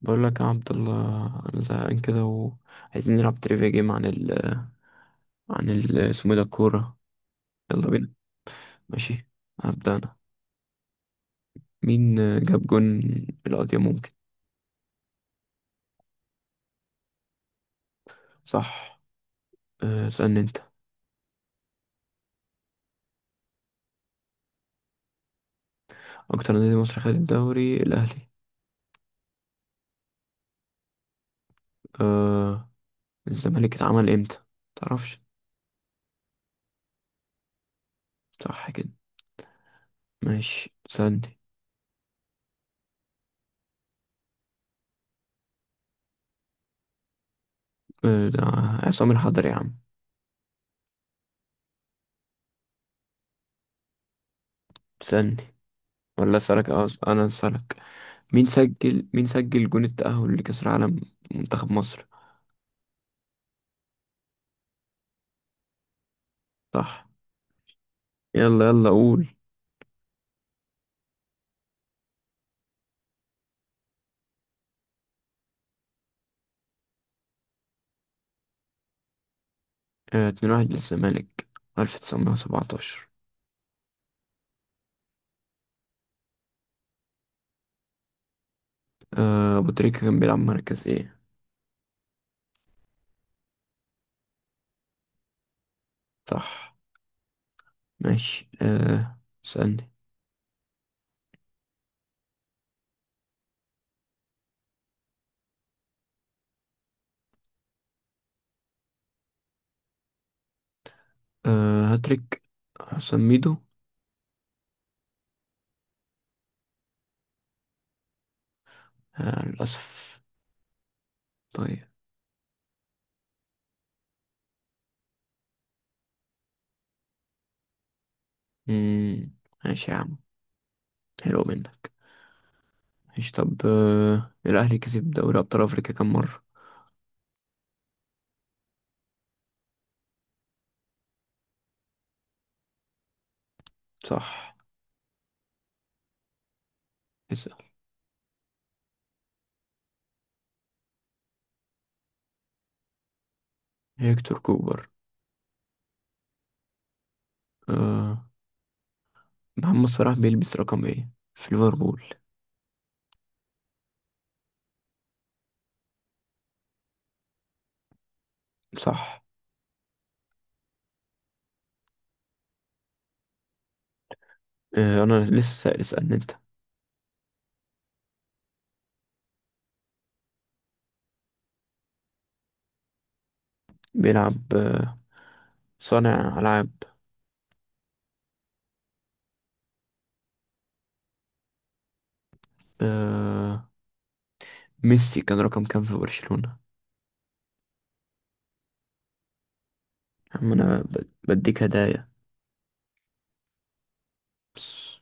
بقول لك يا عبد الله، انا زهقان كده وعايزين نلعب تريفيا جيم عن ال اسمه إيه ده الكورة. يلا بينا. ماشي. هبدأ انا. مين جاب جون؟ القضية ممكن. صح. اسألني انت. اكتر نادي مصري خد الدوري؟ الاهلي. أه. الزمالك اتعمل امتى؟ متعرفش. صح كده. ماشي اسألني. ده عصام الحضري يا عم. اسألني ولا اسألك؟ انا اسألك. مين سجل جون التأهل لكأس العالم؟ منتخب مصر. صح. يلا يلا قول. 2-1 للزمالك. 1917. أبو تريكة كان بيلعب مركز ايه؟ صح. ماشي سألني. هاتريك حسام ميدو. للأسف. طيب. مم. ماشي يا عم، حلو منك. ماشي طب الأهلي كسب دوري أبطال أفريقيا كام مرة؟ صح. اسأل. هيكتور كوبر. أه. محمد صلاح بيلبس رقم ايه في ليفربول؟ صح. أنا لسه سائل، اسألني انت. بيلعب صانع ألعاب. آه... ميسي كان رقم كام في برشلونة؟ يا عم أنا بديك هدايا بس.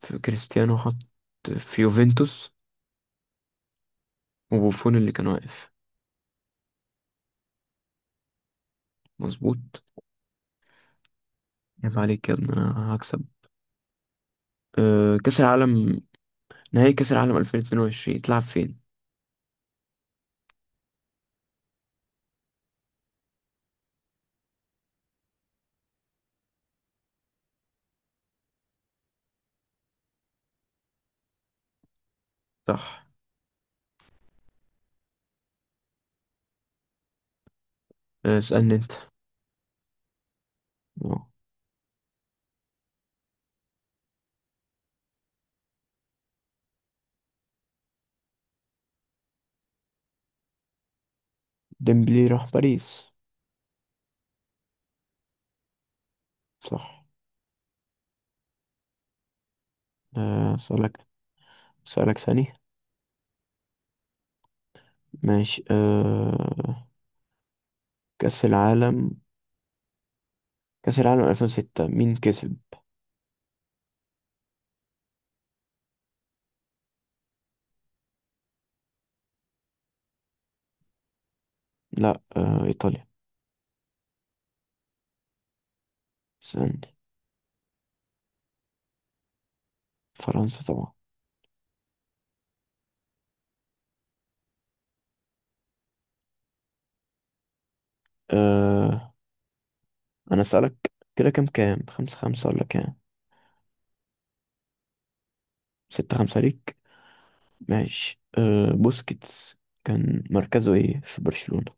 في كريستيانو حط في يوفنتوس وبوفون اللي كان واقف. مظبوط. عيب عليك يا ابني، أنا هكسب كأس العالم. نهائي كأس العالم 2022 تلعب فين؟ صح. اسألني أنت. آه، ديمبلي راح باريس. صح. أسألك. أسألك ثاني. ماشي كأس العالم كأس العالم 2006 مين كسب؟ لا، إيطاليا. استنى. فرنسا طبعا. آه. أنا أسألك كده، كام 5-5 ولا كام؟ 6-5 ليك. ماشي بوسكيتس كان مركزه إيه في برشلونة؟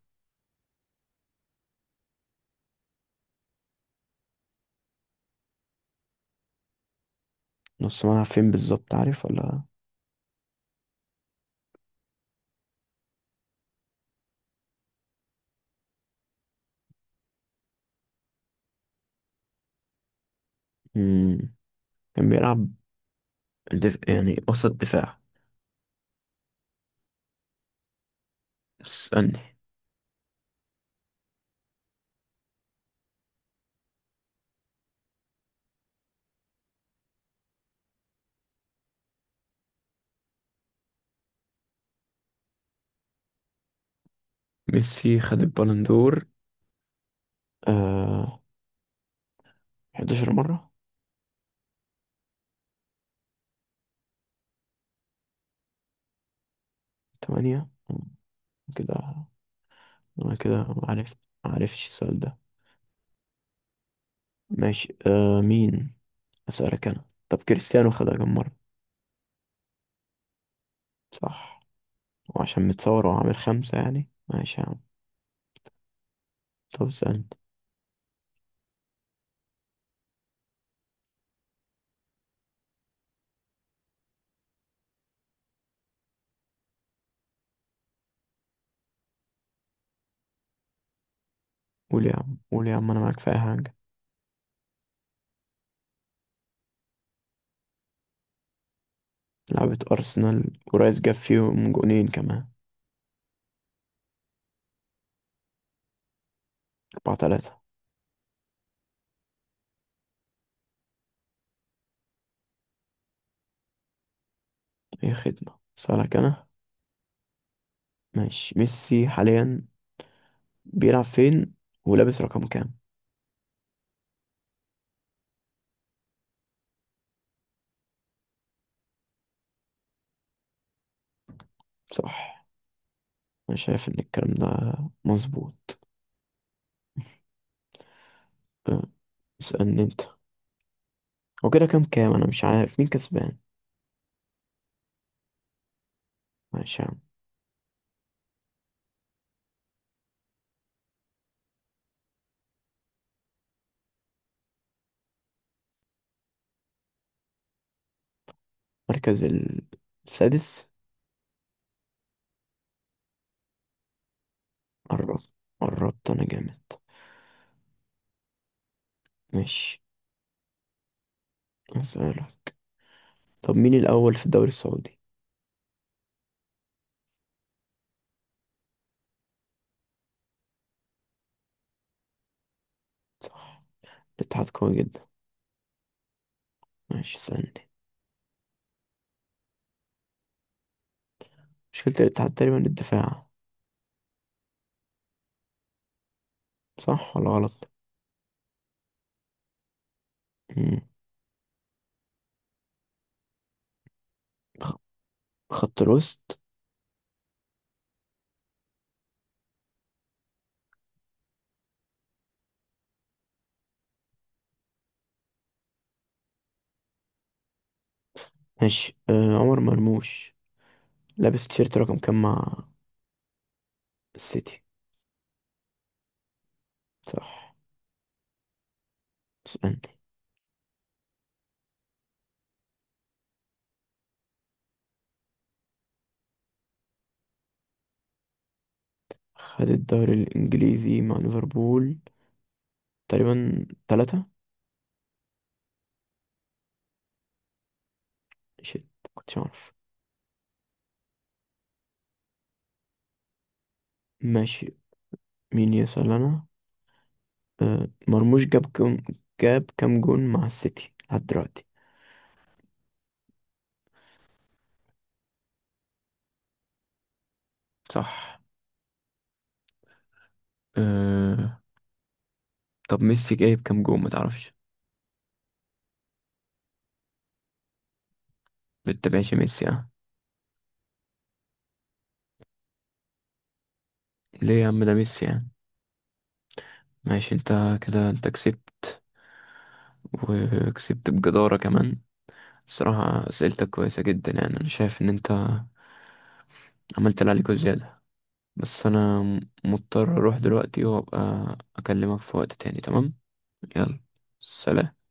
نص ملعب. فين بالظبط، عارف ولا؟ مم. كان بيلعب يعني وسط دفاع. استنى. ميسي خد البالون دور آه 11 مرة. 8 كده. أنا كده ما عرفت. ما عرفتش السؤال ده. ماشي مين. أسألك أنا، طب كريستيانو خدها كم مرة؟ صح. وعشان متصور وعامل خمسة يعني، ماشي يا عم. طب اسألني. قول يا عم قول يا عم أنا معاك في أي حاجة. لعبة أرسنال ورايس جاب فيهم جونين كمان. 4-3. أي خدمة. اسألك أنا. ماشي. ميسي حاليا بيلعب فين ولابس رقم كام؟ صح. أنا شايف إن الكلام ده مظبوط. أه، اسألني أنت. هو كده كام أنا مش عارف مين كسبان. ماشي يا عم. مركز السادس. قربت قربت، أنا جامد. ماشي. أسألك، طب مين الأول في الدوري السعودي؟ صح. الاتحاد قوي جدا. ماشي اسألني. مشكلة الاتحاد تقريبا الدفاع. صح ولا غلط؟ مم. خ- خط الوسط. ماشي عمر مرموش لابس تيشيرت رقم كام مع السيتي؟ صح. اسألني. خد الدوري الإنجليزي مع ليفربول تقريبا تلاتة. شيت. كنتش أعرف. ماشي. مين يسأل أنا؟ مرموش جاب كام جون مع السيتي لحد دلوقتي؟ صح. أه... طب ميسي جايب كام جون، ما تعرفش؟ بتتابعش ميسي يعني؟ ليه يا عم، ده ميسي يعني. ماشي انت، كده انت كسبت، وكسبت بجدارة كمان. الصراحة أسئلتك كويسة جدا، يعني أنا شايف إن أنت عملت اللي عليك وزيادة. بس أنا مضطر أروح دلوقتي وأبقى أكلمك في وقت تاني. تمام. يلا. سلام.